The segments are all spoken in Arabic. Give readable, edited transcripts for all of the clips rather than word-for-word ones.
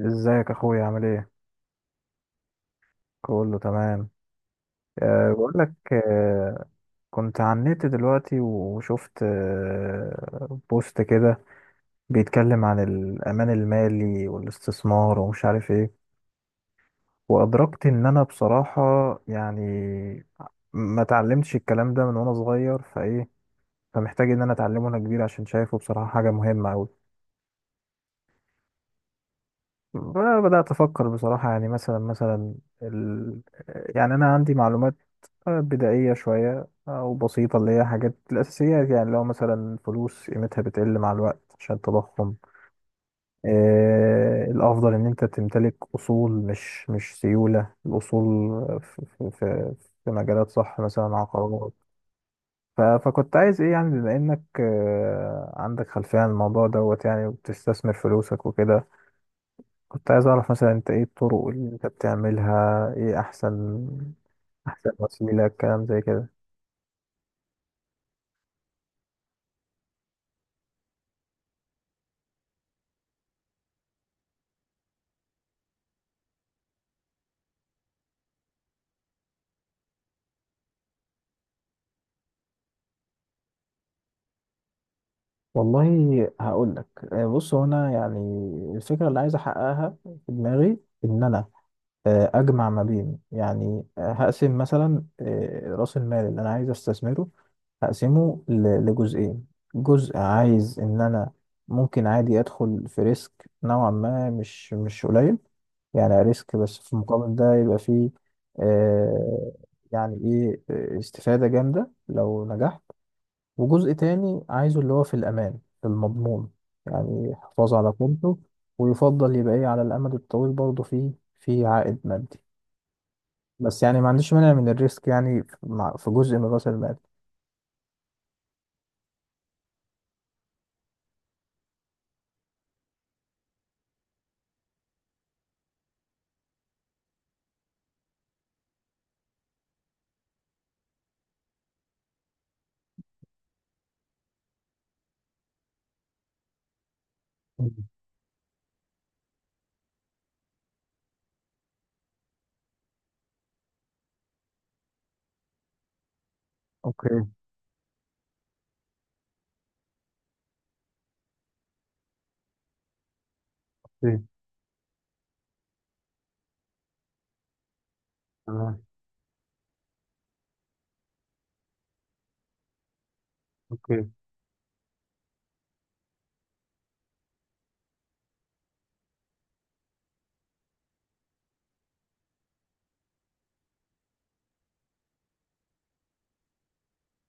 ازيك يا اخويا عامل ايه؟ كله تمام. بقول لك. كنت على النت دلوقتي وشفت بوست كده بيتكلم عن الامان المالي والاستثمار ومش عارف ايه. وادركت ان انا بصراحة، يعني ما اتعلمتش الكلام ده من وانا صغير فايه. فمحتاج ان انا اتعلمه وانا كبير عشان شايفه بصراحة حاجة مهمة قوي. بدأت افكر بصراحة، يعني مثلا ال... يعني انا عندي معلومات بدائية شوية أو بسيطة، اللي هي حاجات الأساسيات. يعني لو مثلا فلوس قيمتها بتقل مع الوقت عشان التضخم، الأفضل إن أنت تمتلك أصول، مش سيولة. الأصول في في مجالات، صح، مثلا عقارات. فكنت عايز إيه، يعني بما إنك عندك خلفية عن الموضوع دوت، يعني وبتستثمر فلوسك وكده. كنت عايز أعرف مثلا أنت إيه الطرق اللي أنت بتعملها، إيه أحسن وسيلة الكلام زي كده. والله، هقول لك. بص، هو انا يعني الفكره اللي عايز احققها في دماغي ان انا اجمع ما بين، يعني هقسم مثلا راس المال اللي انا عايز استثمره. هقسمه لجزئين. جزء عايز ان انا ممكن عادي ادخل في ريسك نوعا ما، مش قليل، يعني ريسك، بس في المقابل ده يبقى فيه آه، يعني ايه، استفاده جامده لو نجحت. وجزء تاني عايزه اللي هو في الأمان، في المضمون، يعني يحافظ على قيمته، ويفضل يبقى إيه على الأمد الطويل، برضه فيه في عائد مادي. بس يعني ما عنديش مانع من الريسك، يعني في جزء من رأس المال. مم. اوكي. اوكي. تمام. اوكي.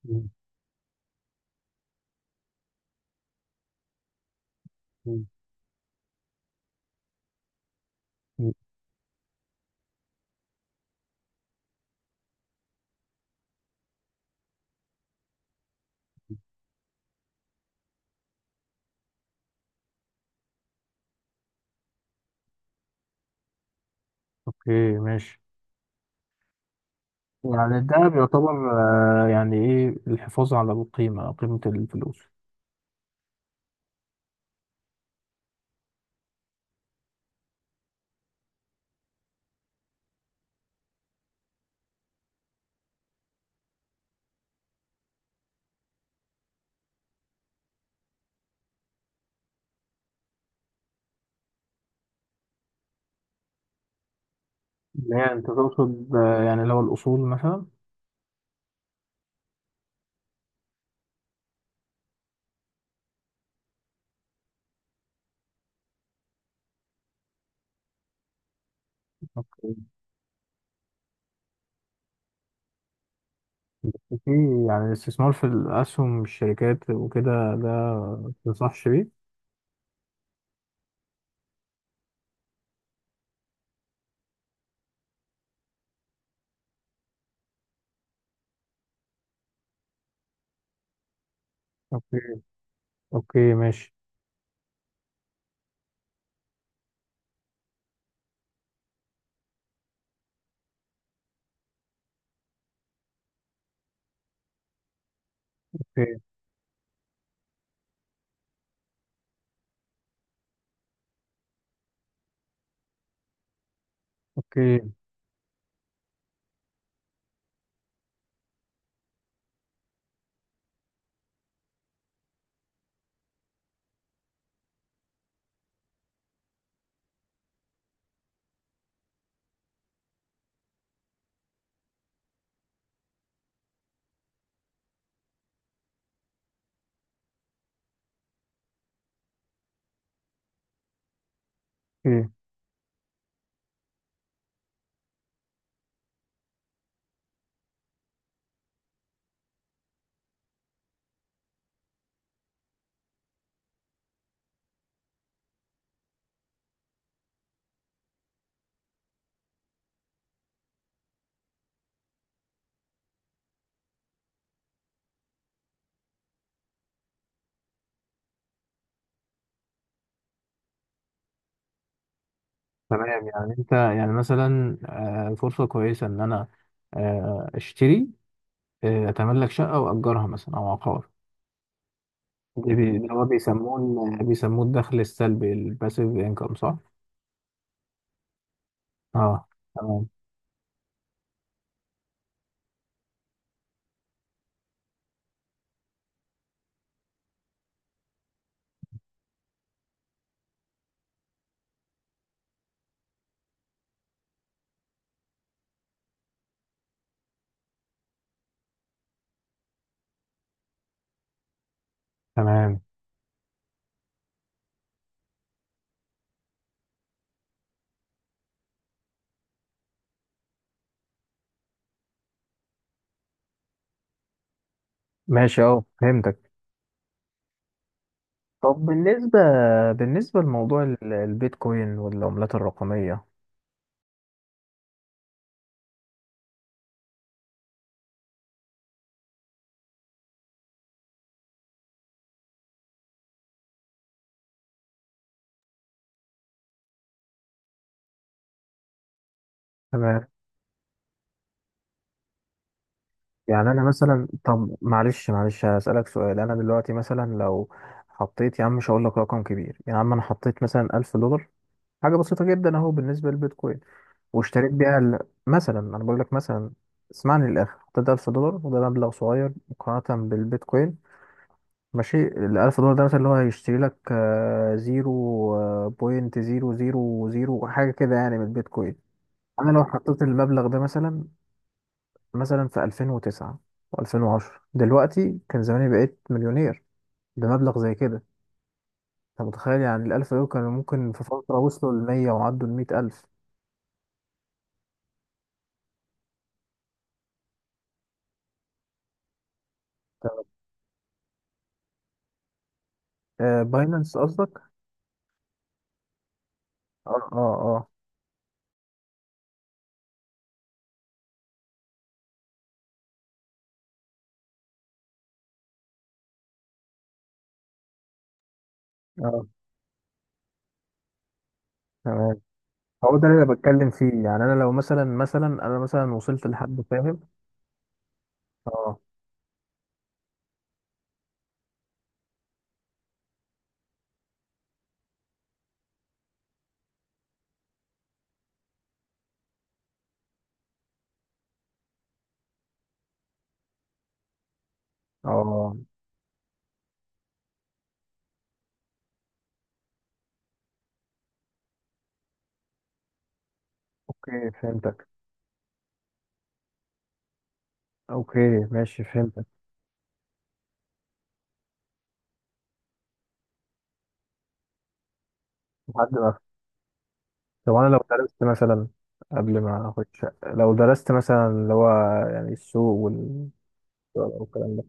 مم. مم. مم. اوكي، ماشي. يعني الدهب يعتبر يعني ايه، الحفاظ على القيمة، قيمة الفلوس. اللي هي انت تقصد يعني اللي هو الأصول مثلا. في يعني الاستثمار في الأسهم، الشركات وكده، ده متنصحش بيه؟ أوكي. أوكي، ماشي. أوكي. أوكي. أوكي. تمام. يعني أنت، يعني مثلا فرصة كويسة إن أنا أشتري، أتملك شقة وأجرها مثلا، أو عقار. ده هو بيسموه الدخل السلبي، الباسيف إنكم، صح؟ أه. تمام. تمام، ماشي، أه، فهمتك. طب بالنسبة لموضوع البيتكوين والعملات الرقمية. تمام. يعني انا مثلا، طب معلش معلش، هسألك سؤال. انا دلوقتي مثلا لو حطيت يا عم، مش هقول لك رقم كبير يا عم، انا حطيت مثلا 1000 دولار، حاجة بسيطة جدا اهو بالنسبة للبيتكوين، واشتريت بيها مثلا، انا بقول لك مثلا، اسمعني للاخر. حطيت 1000 دولار، وده مبلغ صغير مقارنة بالبيتكوين. ماشي، ال 1000 دولار ده مثلا اللي هو هيشتري لك 0.000 حاجة كده يعني من البيتكوين. انا لو حطيت المبلغ ده مثلا، في 2009 و2010 دلوقتي كان زماني بقيت مليونير بمبلغ زي كده. انت متخيل، يعني الألف يورو كانوا ممكن في فترة وصلوا للمية وعدوا المية ألف. تمام. آه، باينانس قصدك؟ اه، اه، اه، اه، تمام. هو ده اللي انا بتكلم فيه. يعني انا لو مثلا، انا مثلا وصلت لحد فاهم. اه، اه، اوكي، فهمتك. اوكي، ماشي، فهمتك. لحد ما، طب انا لو درست مثلا قبل ما اخد شقة، لو درست مثلا اللي هو يعني السوق ولا الكلام ده.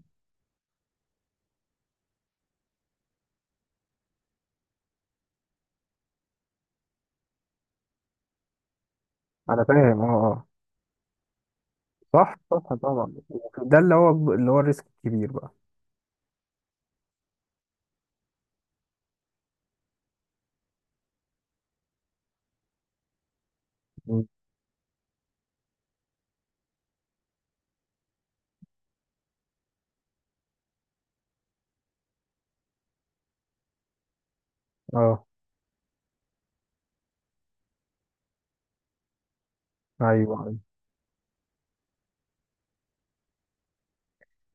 انا فاهم، اه. اه. صح، صح، طبعا. ده اللي هو الريسك الكبير بقى. مم. اه، ايوه. أيوة.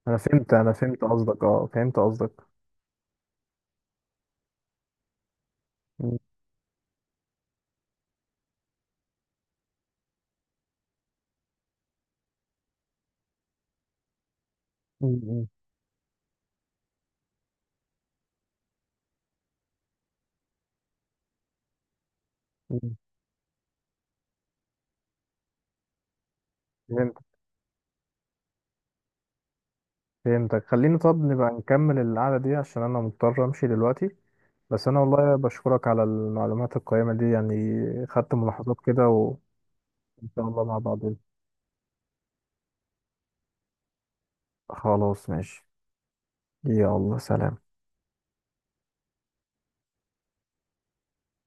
انا فهمت قصدك، اه، فهمت قصدك. مم. مم. مم. فهمت. فهمتك. خليني، طب نبقى نكمل القعدة دي عشان انا مضطر امشي دلوقتي. بس انا والله بشكرك على المعلومات القيمة دي، يعني. خدت ملاحظات كده. ان شاء الله مع بعضين. وخلاص، ماشي. يلا، سلام.